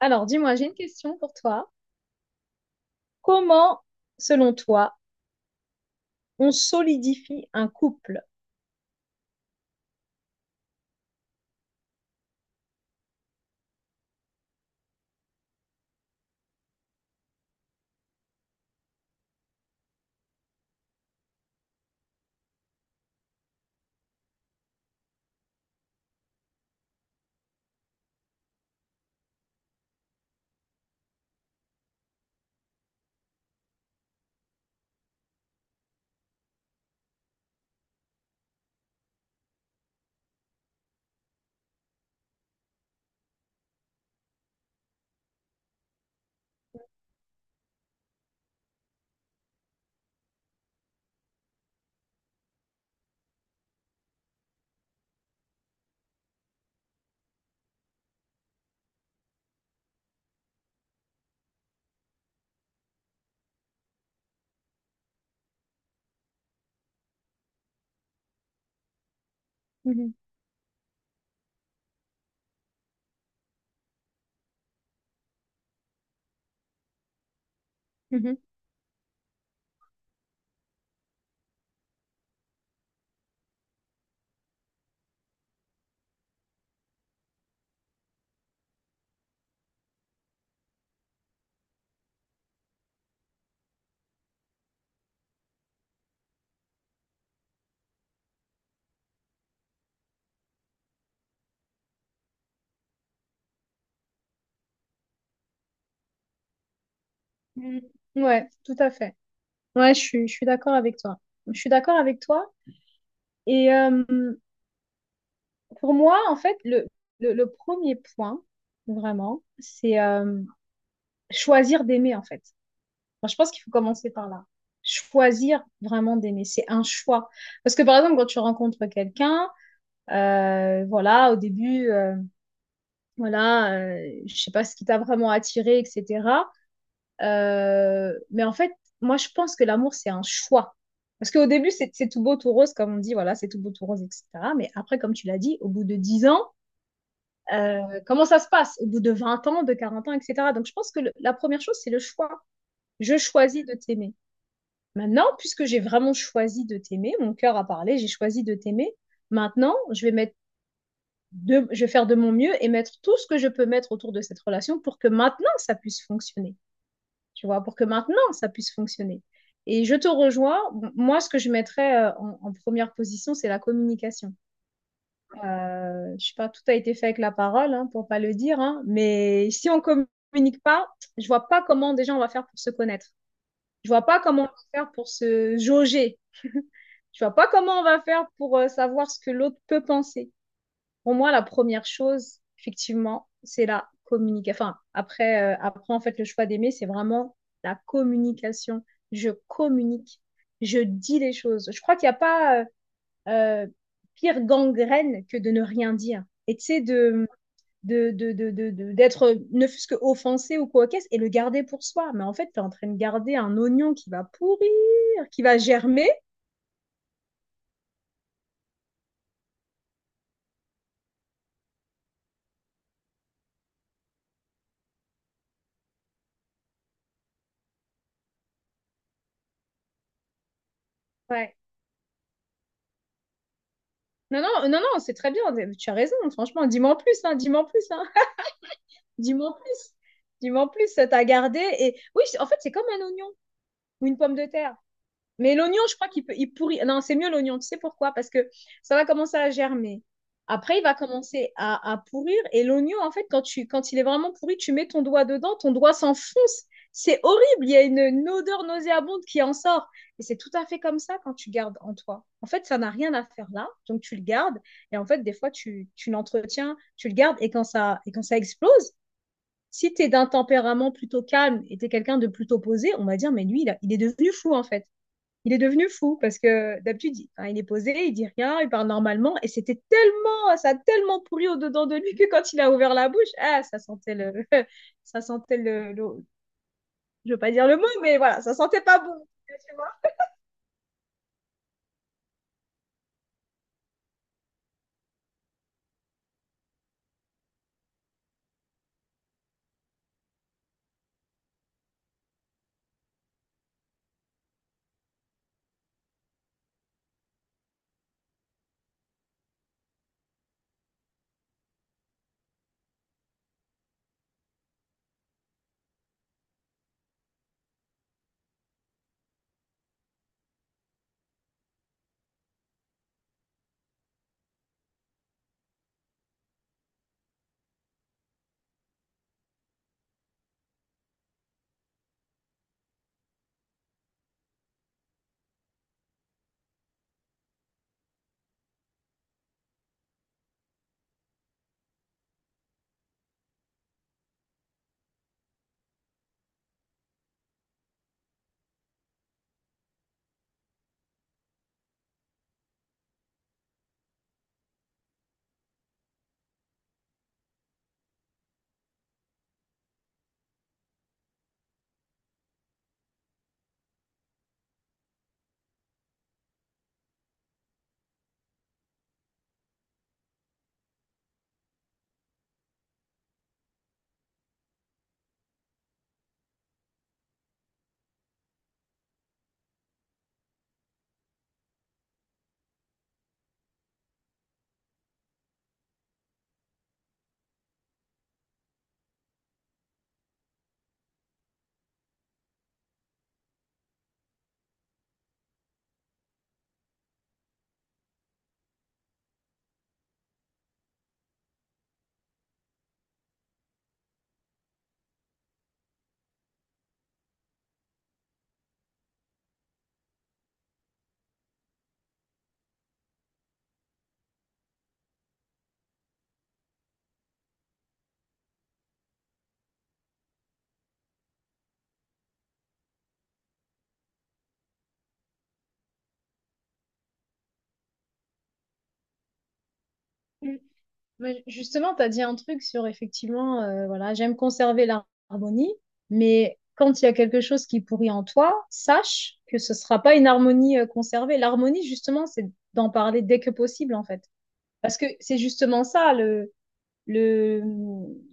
Alors, dis-moi, j'ai une question pour toi. Comment, selon toi, on solidifie un couple? Mhm, mhm, mhm. Ouais, tout à fait. Ouais, je suis d'accord avec toi. Je suis d'accord avec toi. Et pour moi, en fait, le premier point, vraiment, c'est choisir d'aimer, en fait. Enfin, je pense qu'il faut commencer par là. Choisir vraiment d'aimer, c'est un choix. Parce que, par exemple, quand tu rencontres quelqu'un, voilà, au début voilà, je sais pas ce qui t'a vraiment attiré, etc. Mais en fait, moi, je pense que l'amour, c'est un choix. Parce qu'au début, c'est tout beau, tout rose, comme on dit, voilà, c'est tout beau, tout rose, etc. Mais après, comme tu l'as dit, au bout de 10 ans, comment ça se passe? Au bout de 20 ans, de 40 ans, etc. Donc, je pense que la première chose, c'est le choix. Je choisis de t'aimer. Maintenant, puisque j'ai vraiment choisi de t'aimer, mon cœur a parlé, j'ai choisi de t'aimer. Maintenant, je vais mettre je vais faire de mon mieux et mettre tout ce que je peux mettre autour de cette relation pour que maintenant ça puisse fonctionner, tu vois, pour que maintenant ça puisse fonctionner. Et je te rejoins. Moi, ce que je mettrais en première position, c'est la communication. Je ne sais pas, tout a été fait avec la parole, hein, pour ne pas le dire, hein, mais si on communique pas, je ne vois pas comment déjà on va faire pour se connaître. Je ne vois pas comment on va faire pour se jauger. Je ne vois pas comment on va faire pour savoir ce que l'autre peut penser. Pour moi, la première chose, effectivement, c'est la communication. Enfin, après, après, en fait, le choix d'aimer, c'est vraiment la communication. Je communique, je dis les choses. Je crois qu'il n'y a pas euh, pire gangrène que de ne rien dire. Et tu sais, d'être ne fût-ce que offensé ou quoi qu'est-ce et le garder pour soi. Mais en fait, tu es en train de garder un oignon qui va pourrir, qui va germer. Ouais. Non, non, non, non, c'est très bien. Tu as raison, franchement. Dis-moi en plus, hein, dis-moi en plus, hein. Dis-moi en plus. Dis-moi en plus, ça t'a gardé. Et oui, en fait, c'est comme un oignon ou une pomme de terre. Mais l'oignon, je crois qu'il peut, il pourrit. Non, c'est mieux l'oignon. Tu sais pourquoi? Parce que ça va commencer à germer. Après, il va commencer à pourrir. Et l'oignon, en fait, quand tu, quand il est vraiment pourri, tu mets ton doigt dedans, ton doigt s'enfonce. C'est horrible. Il y a une odeur nauséabonde qui en sort. Et c'est tout à fait comme ça quand tu gardes en toi. En fait, ça n'a rien à faire là. Donc, tu le gardes. Et en fait, des fois, tu l'entretiens, tu le gardes. Et quand ça explose, si tu es d'un tempérament plutôt calme et tu es quelqu'un de plutôt posé, on va dire, mais lui, il est devenu fou en fait. Il est devenu fou parce que d'habitude, il, hein, il est posé, il dit rien, il parle normalement. Et c'était tellement, ça a tellement pourri au-dedans de lui que quand il a ouvert la bouche, ah, ça sentait le, ça sentait je veux pas dire le mot, mais voilà, ça sentait pas bon. Tu vois. Mais justement, tu as dit un truc sur effectivement, voilà, j'aime conserver l'harmonie mais quand il y a quelque chose qui pourrit en toi, sache que ce sera pas une harmonie conservée. L'harmonie, justement, c'est d'en parler dès que possible, en fait. Parce que c'est justement ça, le,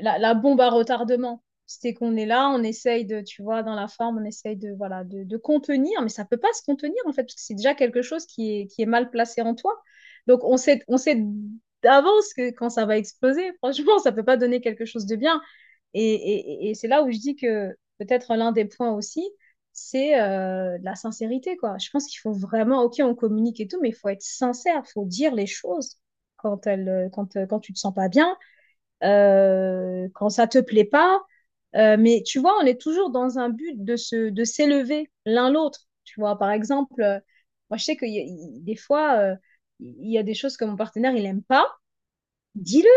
la, la bombe à retardement. C'était qu'on est là, on essaye de, tu vois, dans la forme, on essaye de, voilà, de contenir, mais ça ne peut pas se contenir en fait, parce que c'est déjà quelque chose qui est mal placé en toi. Donc on sait d'avance que quand ça va exploser, franchement, ça ne peut pas donner quelque chose de bien. Et, et c'est là où je dis que peut-être l'un des points aussi, c'est la sincérité, quoi. Je pense qu'il faut vraiment, ok, on communique et tout, mais il faut être sincère, il faut dire les choses quand tu ne te sens pas bien, quand ça te plaît pas. Mais tu vois, on est toujours dans un but de de s'élever l'un l'autre. Tu vois, par exemple, moi je sais que des fois, il y a des choses que mon partenaire il aime pas. Dis-le,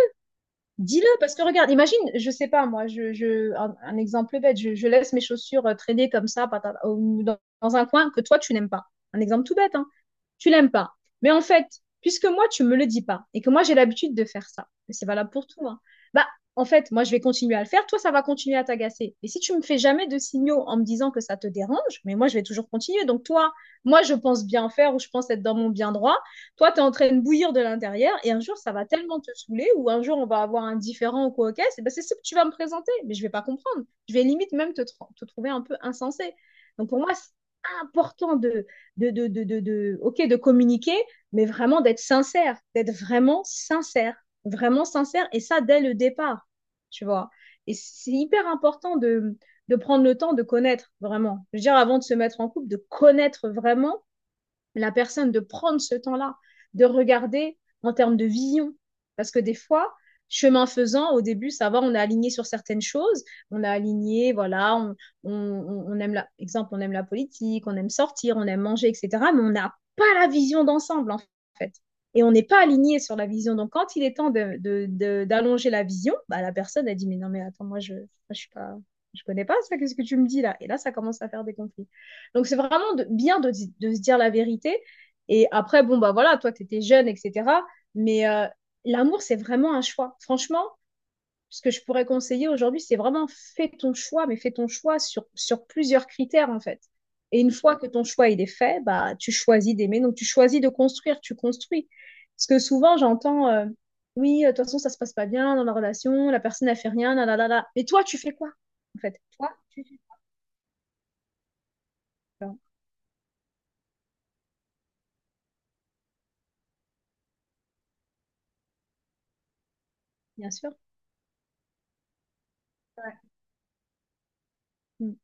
dis-le, parce que regarde, imagine, je sais pas, moi, un exemple bête, je laisse mes chaussures traîner comme ça patata, ou dans, dans un coin que toi, tu n'aimes pas. Un exemple tout bête, hein. Tu l'aimes pas. Mais en fait, puisque moi, tu me le dis pas et que moi, j'ai l'habitude de faire ça, et c'est valable pour tout, hein, bah, en fait, moi, je vais continuer à le faire, toi, ça va continuer à t'agacer. Et si tu me fais jamais de signaux en me disant que ça te dérange, mais moi, je vais toujours continuer. Donc, toi, moi, je pense bien faire ou je pense être dans mon bien droit. Toi, tu es en train de bouillir de l'intérieur et un jour, ça va tellement te saouler ou un jour, on va avoir un différent ou quoi, ok, c'est ben, c'est ce que tu vas me présenter, mais je ne vais pas comprendre. Je vais limite même te, te trouver un peu insensé. Donc pour moi, c'est important de, ok, de communiquer, mais vraiment d'être sincère, d'être vraiment sincère, et ça dès le départ, tu vois. Et c'est hyper important de prendre le temps de connaître vraiment. Je veux dire, avant de se mettre en couple, de connaître vraiment la personne de prendre ce temps-là, de regarder en termes de vision. Parce que des fois, chemin faisant, au début, ça va, on est aligné sur certaines choses, on a aligné, voilà, on aime la, exemple, on aime la politique, on aime sortir, on aime manger, etc. Mais on n'a pas la vision d'ensemble, en fait. Et on n'est pas aligné sur la vision. Donc, quand il est temps d'allonger d'allonger la vision, bah, la personne a dit, mais non, mais attends, moi, je suis pas... Je connais pas ça, qu'est-ce que tu me dis là. Et là, ça commence à faire des conflits. Donc, c'est vraiment bien de, se dire la vérité. Et après, bon, bah voilà, toi, tu étais jeune, etc. Mais l'amour, c'est vraiment un choix. Franchement, ce que je pourrais conseiller aujourd'hui, c'est vraiment fais ton choix, mais fais ton choix sur plusieurs critères, en fait. Et une fois que ton choix il est fait, bah tu choisis d'aimer, donc tu choisis de construire, tu construis. Parce que souvent j'entends, oui, de toute façon ça se passe pas bien dans la relation, la personne n'a fait rien, là là là là. Mais toi tu fais quoi en fait. Toi tu fais quoi. Bien sûr. Ouais. Mm.